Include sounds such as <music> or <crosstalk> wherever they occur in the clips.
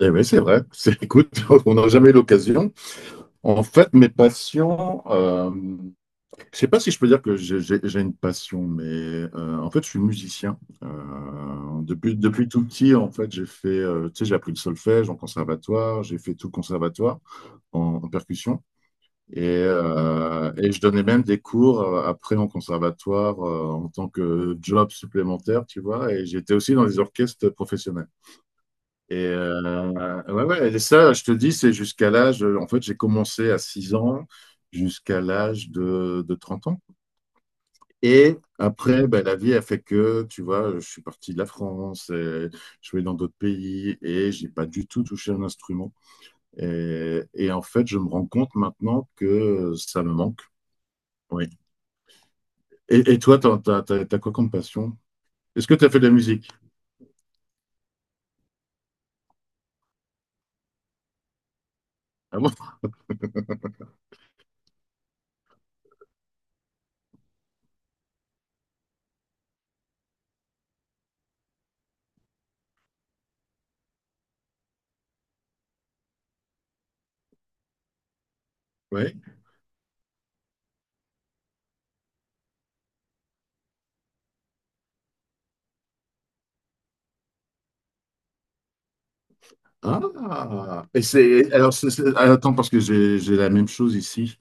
Eh oui, c'est vrai. Écoute, <laughs> on n'a jamais eu l'occasion. En fait, mes passions, je sais pas si je peux dire que j'ai une passion, mais en fait, je suis musicien. Depuis tout petit, en fait, j'ai fait, tu sais, j'ai appris le solfège en conservatoire, j'ai fait tout le conservatoire en percussion. Et je donnais même des cours après en conservatoire en tant que job supplémentaire, tu vois. Et j'étais aussi dans les orchestres professionnels. Et ouais, ouais, et ça, je te dis, c'est jusqu'à l'âge. En fait, j'ai commencé à 6 ans jusqu'à l'âge de 30 ans. Et après, ben, la vie a fait que, tu vois, je suis parti de la France, et je vais dans d'autres pays et j'ai pas du tout touché un instrument. Et en fait, je me rends compte maintenant que ça me manque. Oui. Et toi, t'as quoi comme passion? Est-ce que tu as fait de la musique? Ah bon? Oui. Ah! Et c'est, alors, attends, parce que j'ai la même chose ici.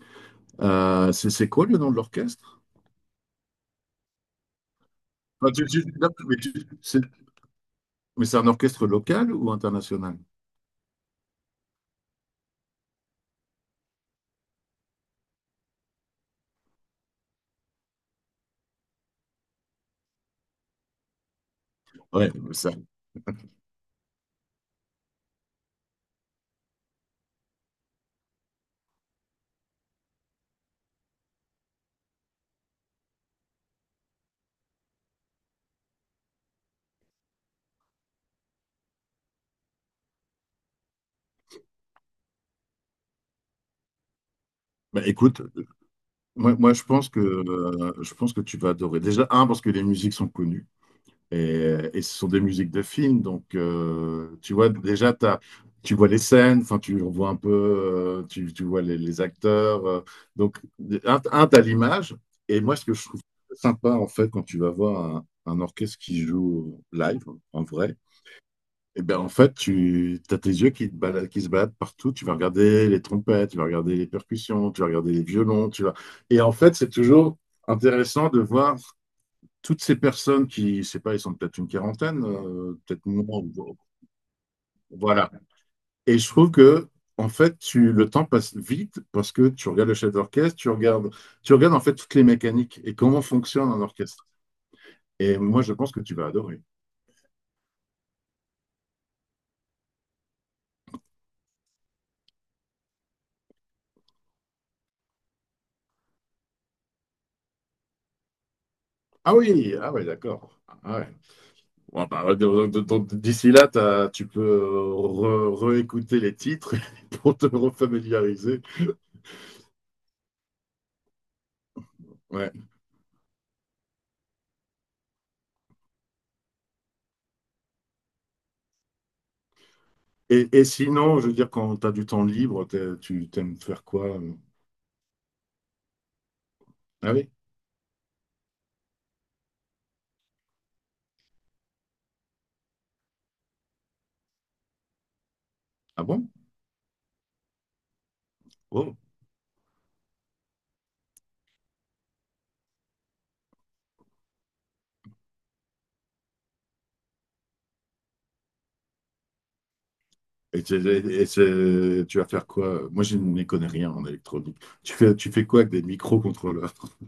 C'est quoi le nom de l'orchestre? Enfin, là, mais tu- c'est mais c'est un orchestre local ou international? Ouais, ça. Bah, écoute, moi je pense que tu vas adorer. Déjà, un, parce que les musiques sont connues et ce sont des musiques de films. Donc, tu vois, déjà, tu vois les scènes, enfin, tu vois un peu, tu vois les acteurs. Donc, un, t'as l'image. Et moi, ce que je trouve sympa, en fait, quand tu vas voir un orchestre qui joue live, en vrai, et ben en fait, tu as tes yeux qui se baladent partout. Tu vas regarder les trompettes, tu vas regarder les percussions, tu vas regarder les violons. Tu vas... Et en fait, c'est toujours intéressant de voir toutes ces personnes qui, je sais pas, ils sont peut-être une quarantaine, peut-être moins. Bon, voilà. Et je trouve que, en fait, le temps passe vite parce que tu regardes le chef d'orchestre, tu regardes en fait toutes les mécaniques et comment fonctionne un orchestre. Et moi, je pense que tu vas adorer. Ah oui, ah ouais, d'accord. Ah ouais. Ouais, bah, d'ici là, tu peux réécouter les titres <laughs> pour te refamiliariser. Ouais. Et sinon, je veux dire, quand tu as du temps libre, tu t'aimes faire quoi? Ah oui? Ah bon? Oh. Et, t'es- et tu vas faire quoi? Moi, je n'y connais rien en électronique. Tu fais quoi avec des microcontrôleurs? <laughs>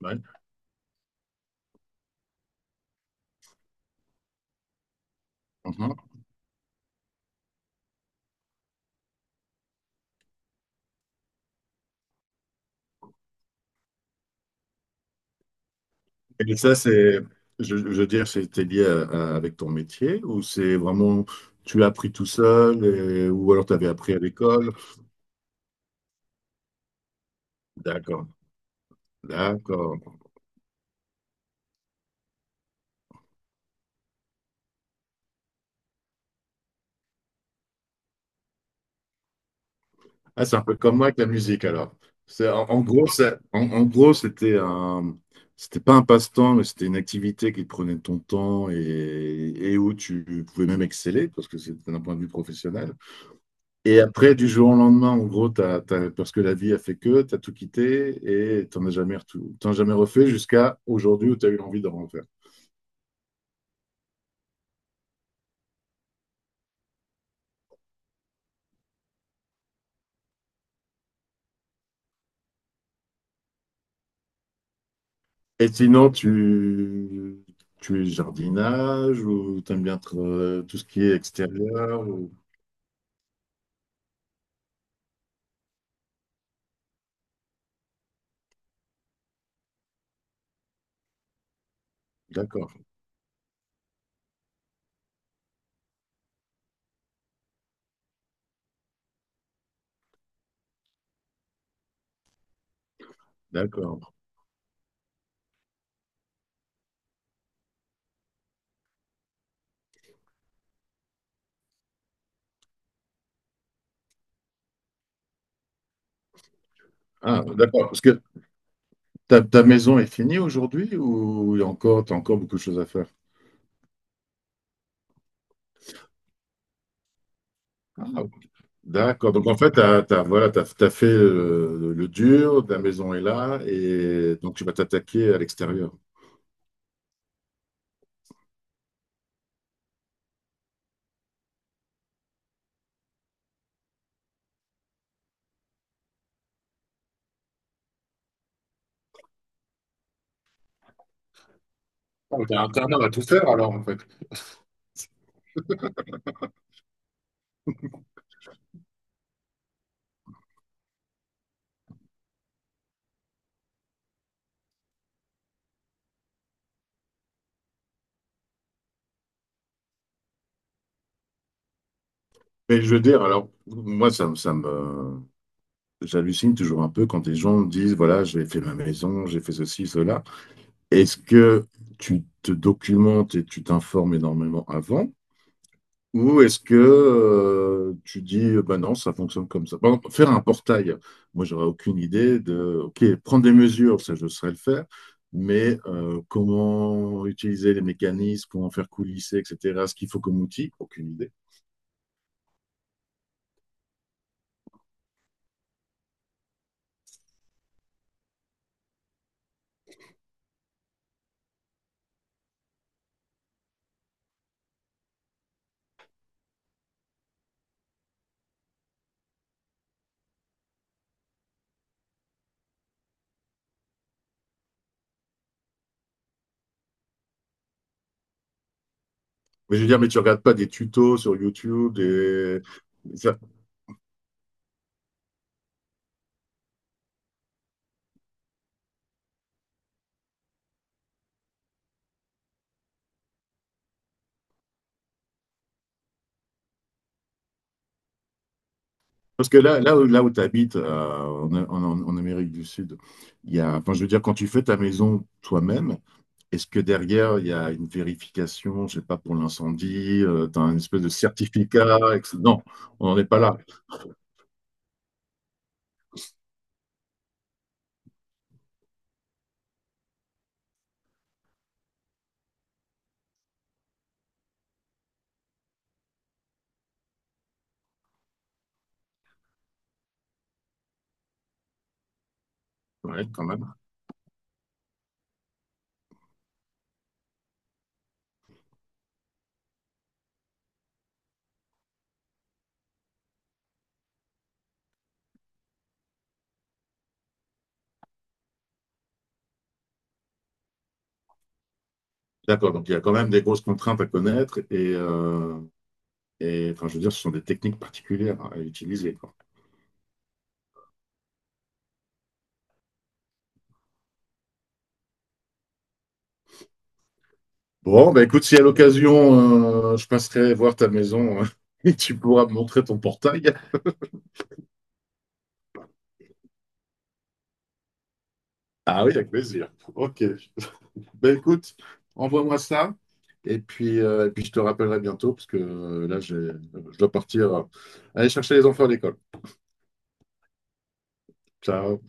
Ouais. Mhm. Et ça, c'est, je veux dire, c'était lié avec ton métier ou c'est vraiment, tu l'as appris tout seul ou alors tu avais appris à l'école? D'accord, d'accord. Ah, c'est un peu comme moi avec la musique alors. C'est, en gros, en gros, c'était un, c'était pas un passe-temps, mais c'était une activité qui te prenait de ton temps et où tu pouvais même exceller parce que c'était d'un point de vue professionnel. Et après, du jour au lendemain, en gros, parce que la vie a fait que, tu as tout quitté et t'en as jamais refait jusqu'à aujourd'hui où tu as eu l'envie d'en refaire. Et sinon, tu es jardinage ou t'aimes bien être, tout ce qui est extérieur ou... D'accord, d'accord. Ah, d'accord. Parce que ta maison est finie aujourd'hui ou il y a encore, t'as encore beaucoup de choses à faire? Ah, ok. D'accord. Donc en fait, voilà, t'as fait le dur, ta maison est là et donc tu vas t'attaquer à l'extérieur. Ah, t'as intérêt à tout faire alors en fait. Mais je veux dire, alors, moi, ça me, j'hallucine toujours un peu quand les gens me disent, voilà, j'ai fait ma maison, j'ai fait ceci, cela. Est-ce que tu te documentes et tu t'informes énormément avant? Ou est-ce que tu dis, bah non, ça fonctionne comme ça. Par exemple, faire un portail, moi, j'aurais aucune idée de, OK, prendre des mesures, ça, je saurais le faire, mais comment utiliser les mécanismes, comment faire coulisser, etc., ce qu'il faut comme outil, aucune idée. Mais je veux dire, mais tu regardes pas des tutos sur YouTube, des... ça- parce que là, là où tu habites, en Amérique du Sud, il y a, enfin, je veux dire, quand tu fais ta maison toi-même, est-ce que derrière, il y a une vérification, je sais pas, pour l'incendie, tu as une espèce de certificat, etc. Non, on n'en est pas là. Ouais, quand même. D'accord, donc il y a quand même des grosses contraintes à connaître et enfin, je veux dire, ce sont des techniques particulières à utiliser. Bon, bah écoute, si à l'occasion, je passerai voir ta maison <laughs> et tu pourras me montrer ton portail. Ah oui, avec plaisir. Ok. Bah écoute, envoie-moi ça et puis je te rappellerai bientôt parce que je dois partir aller chercher les enfants à l'école. Ciao.